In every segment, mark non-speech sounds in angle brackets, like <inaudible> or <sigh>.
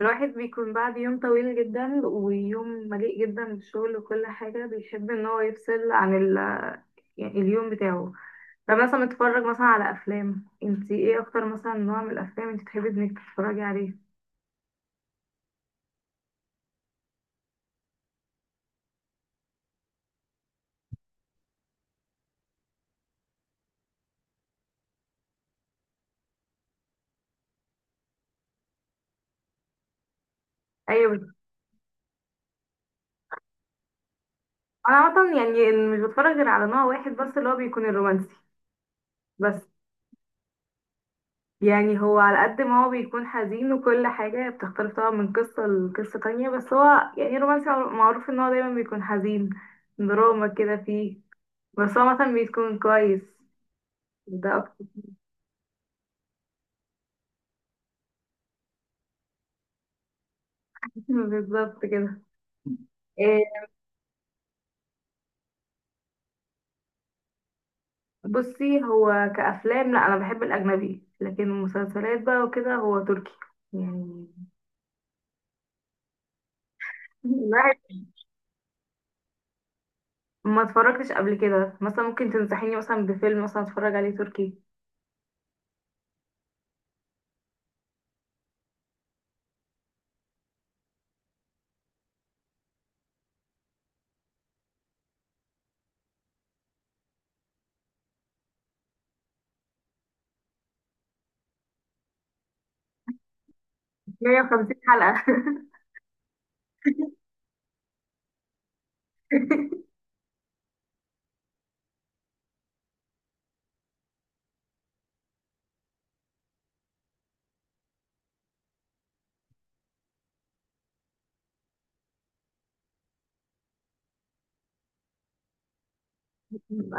الواحد بيكون بعد يوم طويل جدا ويوم مليء جدا بالشغل وكل حاجة بيحب ان هو يفصل عن يعني اليوم بتاعه. فمثلا بتتفرج مثلا على افلام، انتي ايه اكتر مثلا نوع من الافلام انتي بتحبي انك تتفرجي عليه؟ ايوه. انا عامة يعني مش بتفرج غير على نوع واحد بس، اللي هو بيكون الرومانسي بس. يعني هو على قد ما هو بيكون حزين وكل حاجة بتختلف طبعا من قصة لقصة تانية، بس هو يعني الرومانسي معروف ان هو دايما بيكون حزين، دراما كده فيه، بس هو مثلا بيكون كويس، ده اكتر. <laughs> بالظبط كده. إيه، بصي هو كأفلام، لا انا بحب الأجنبي، لكن المسلسلات بقى وكده هو تركي يعني. <laughs> الواحد ما اتفرجتش قبل كده، مثلا ممكن تنصحيني مثلا بفيلم مثلا اتفرج عليه تركي؟ 150 حلقة؟ <laughs>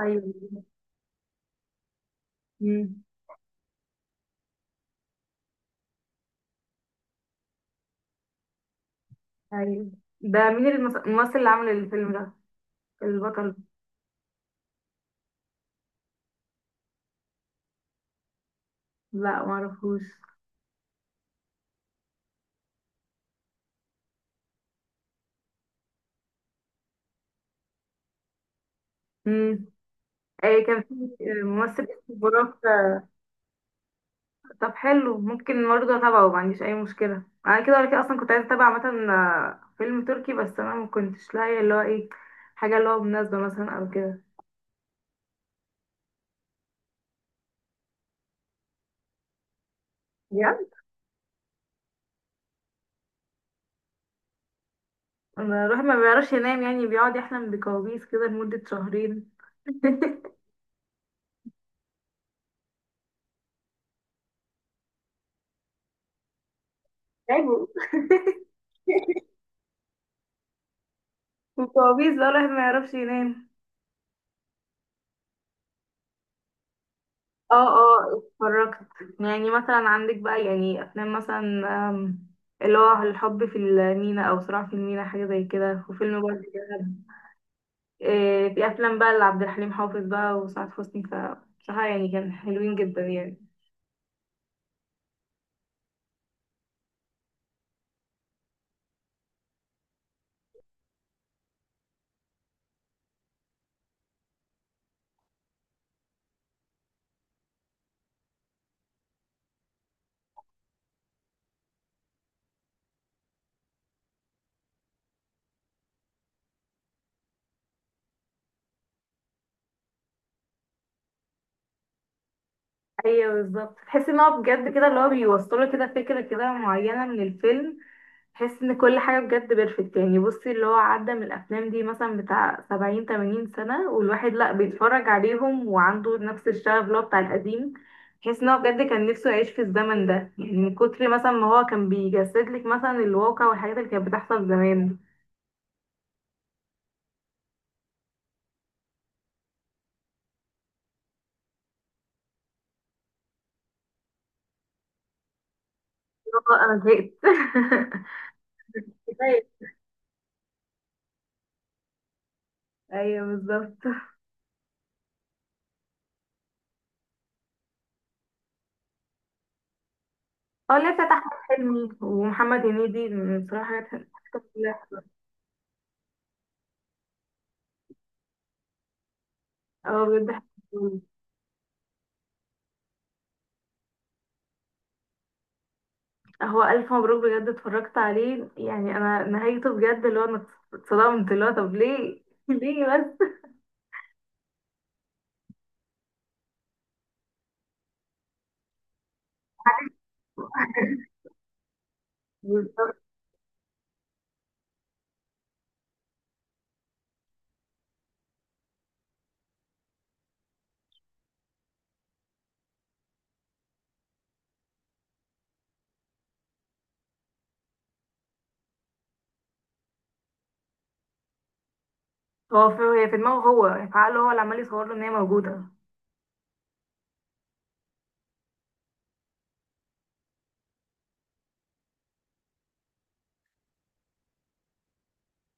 ايوه. أمم، ايوه. ده مين الممثل اللي عامل الفيلم ده، البطل؟ لا معرفوش. امم اي، كان في ممثل اسمه براك؟ طب حلو، ممكن برضه اتابعه، ما عنديش اي مشكله، انا كده ولا كده اصلا كنت عايزه اتابع مثلا فيلم تركي، بس انا ما كنتش لاقيه اللي هو ايه، حاجه اللي هو مناسبه مثلا او كده. بجد؟ انا روحي ما بيعرفش ينام، يعني بيقعد يحلم بكوابيس كده لمده شهرين. <laughs> تعبوا. <laughs> وكوابيس بقى الواحد ما يعرفش ينام. اه اه اتفرجت. يعني مثلا عندك بقى يعني افلام مثلا، آم، اللي هو الحب في المينا او صراع في المينا، حاجه زي كده، وفيلم برضه كده. إيه، في افلام بقى لعبد الحليم حافظ بقى وسعاد حسني، فبصراحه يعني كان حلوين جدا يعني. ايوه بالظبط، تحس ان هو بجد كده، اللي هو بيوصله كده فكره كده معينه من الفيلم، تحس ان كل حاجه بجد بيرفكت يعني. بصي، اللي هو عدى من الافلام دي مثلا بتاع سبعين تمانين سنه والواحد لا بيتفرج عليهم وعنده نفس الشغف اللي هو بتاع القديم، تحس ان هو بجد كان نفسه يعيش في الزمن ده، يعني من كتر مثلا ما هو كان بيجسد لك مثلا الواقع والحاجات اللي كانت بتحصل زمان. <laughs> اللي هو انا زهقت. <laughs> ايوه بالظبط. اه، اللي بتاعت احمد حلمي ومحمد هنيدي من بصراحه حاجات، حاجات كلها. اه بجد. حلوة. هو الف مبروك بجد اتفرجت عليه، يعني انا نهايته بجد اللي هو انا اتصدمت، اللي هو طب ليه، <laughs> ليه بس. بالظبط. هو في، هي في دماغه هو، في عقله هو، اللي عمال يصور له ان هي موجوده.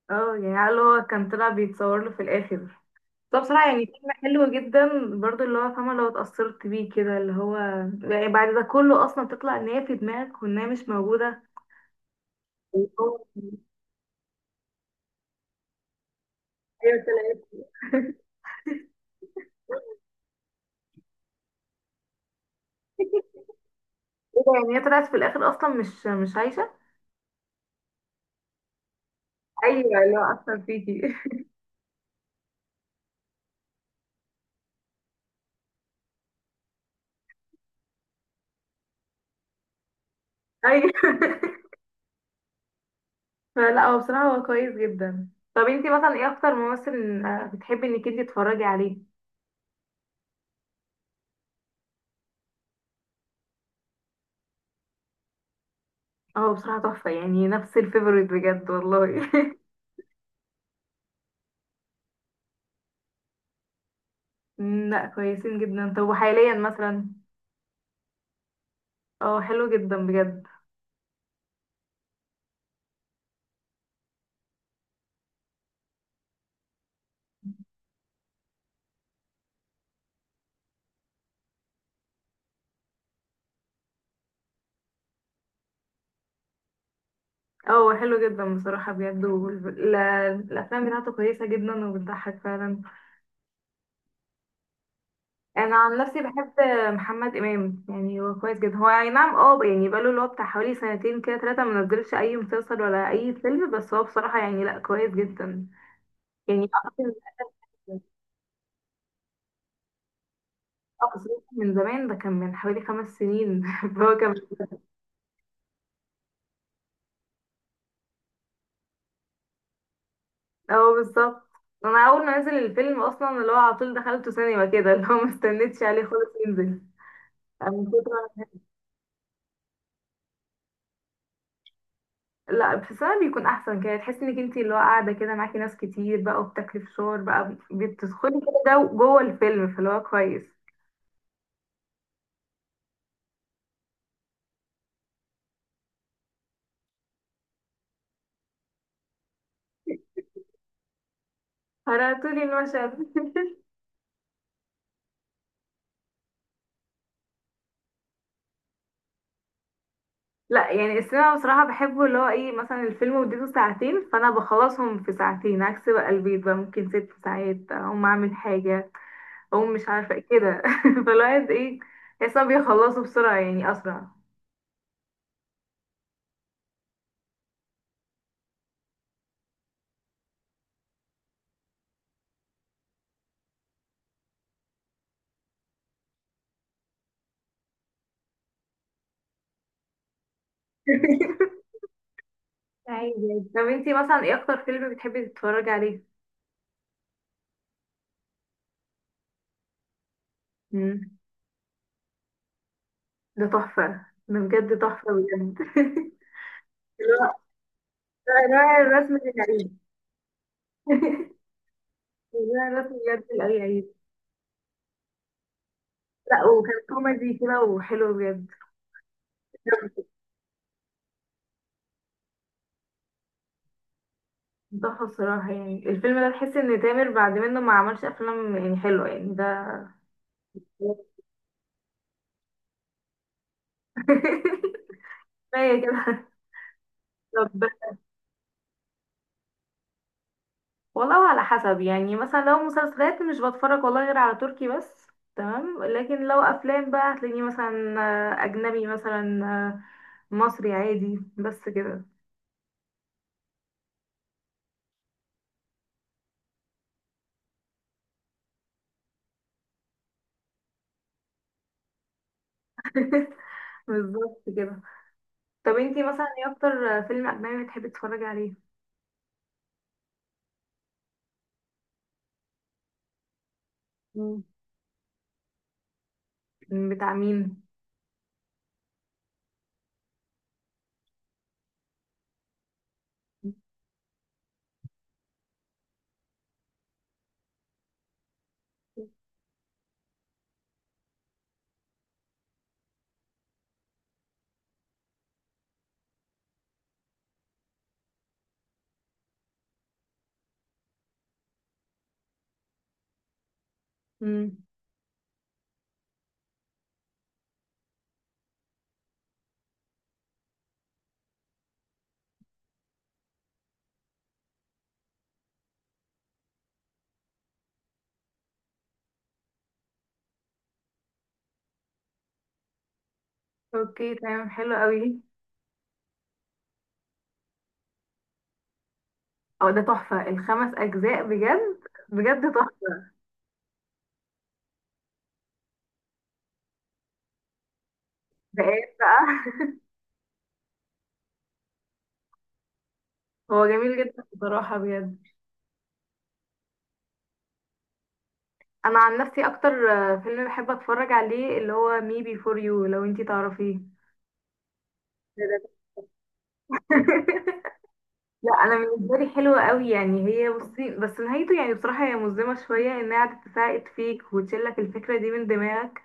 اه، يعني عقله هو كان طلع بيتصور له في الاخر. طب بصراحة يعني فيلم حلو جدا، برضو اللي هو فاهمة لو اتأثرت بيه كده، اللي هو يعني بعد ده كله أصلا تطلع إن هي في دماغك وإن هي مش موجودة. ايوه طلعت. <laughs> ايه ده، يعني هي طلعت في الاخر اصلا مش عايشه؟ ايوه، اللي هو اصلا فيكي. <laughs> ايوه. <laughs> فلا هو بصراحه هو كويس جدا. طب انتي مثلا ايه اكتر ممثل بتحبي انك انتي تتفرجي عليه؟ اه بصراحه تحفه، يعني نفس الفيفوريت بجد والله. <laughs> لا كويسين جدا. طب وحاليا مثلا؟ اه حلو جدا بجد. اه حلو جدا بصراحه بجد، الافلام بتاعته كويسه جدا وبتضحك فعلا. انا عن نفسي بحب محمد امام، يعني هو كويس جدا، هو اي نعم اه، يعني بقاله اللي هو بتاع حوالي سنتين كده ثلاثه ما نزلش اي مسلسل ولا اي فيلم، بس هو بصراحه يعني لا كويس جدا يعني. اقصد، أقصد من زمان، ده كان من حوالي خمس سنين، <laughs> فهو كان اه بالظبط. انا اول ما نزل الفيلم اصلا اللي هو على طول دخلته سينما كده، اللي هو ما استنيتش عليه خالص ينزل من كتر. لا بحسها بيكون احسن كده، تحسي انك انتي اللي هو قاعده كده معاكي ناس كتير بقى وبتاكلي فشار بقى، بتدخلي كده جوه الفيلم، فاللي هو كويس. هرعتولي المشهد. <laughs> لا يعني السينما بصراحه بحبه، اللي هو ايه، مثلا الفيلم مدته ساعتين فانا بخلصهم في ساعتين، عكس بقى البيت بقى ممكن ست ساعات اقوم اعمل حاجه، اقوم مش عارفه إيه كده، <laughs> فالواحد ايه، تحسها بيخلصوا بسرعه يعني، اسرع. <laughs> عادي عادي. طب انتي مثلا ايه اكتر فيلم بتحبي تتفرجي عليه؟ مم. ده تحفة، ده بجد تحفة بجد. <laughs> اللي هو الرائع الرسم للعيد. <laughs> الرائع الرسم بجد لأي عيد. لا وكان كوميدي كده وحلو بجد. تحفة الصراحة، يعني الفيلم ده تحس إن تامر بعد منه ما عملش أفلام يعني حلوة يعني ده. <laughs> كفاية كده. طب. والله على حسب، يعني مثلا لو مسلسلات مش بتفرج والله غير على تركي بس، تمام، لكن لو أفلام بقى هتلاقيني مثلا أجنبي مثلا، مصري عادي، بس كده. <laughs> بالظبط كده. طب انتي مثلا ايه اكتر فيلم اجنبي بتحبي تتفرجي عليه؟ مم. بتاع مين؟ مم. اوكي تمام، حلو قوي. او ده تحفة، الخمس اجزاء بجد، بجد تحفة. ده ايه بقى؟ <laughs> هو جميل جدا بصراحة بجد. انا عن نفسي اكتر فيلم بحب اتفرج عليه اللي هو مي بي فور يو، لو انتي تعرفيه. ده. <laughs> لا انا بالنسبه لي حلوه قوي يعني، هي بصي بس نهايته يعني بصراحه هي مظلمه شويه، انها قعدت تساعد فيك وتشيلك الفكره دي من دماغك،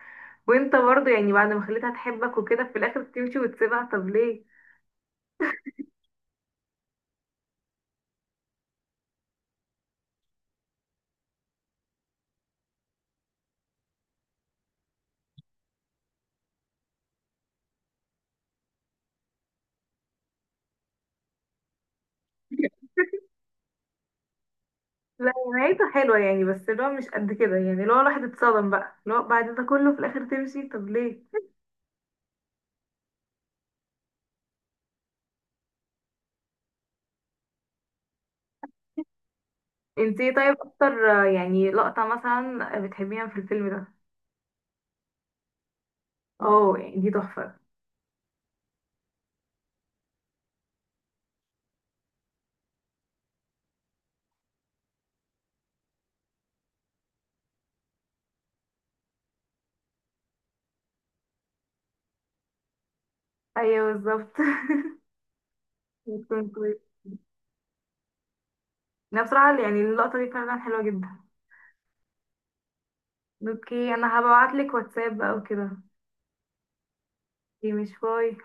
وانت برضه يعني بعد ما خليتها تحبك وكده في الاخر تمشي وتسيبها، طب ليه. لا نهايته حلوه يعني، بس اللي هو مش قد كده يعني، اللي هو الواحد اتصدم بقى، اللي هو بعد ده كله في الاخر تمشي، طب ليه. انت ايه طيب اكتر يعني لقطه مثلا بتحبيها في الفيلم ده؟ اه يعني دي تحفه. ايوه بالظبط. <laughs> بتكون كويس. انا بصراحه يعني اللقطه دي فعلا حلوه جدا. اوكي انا هبعتلك واتساب او كده. دي مش باي.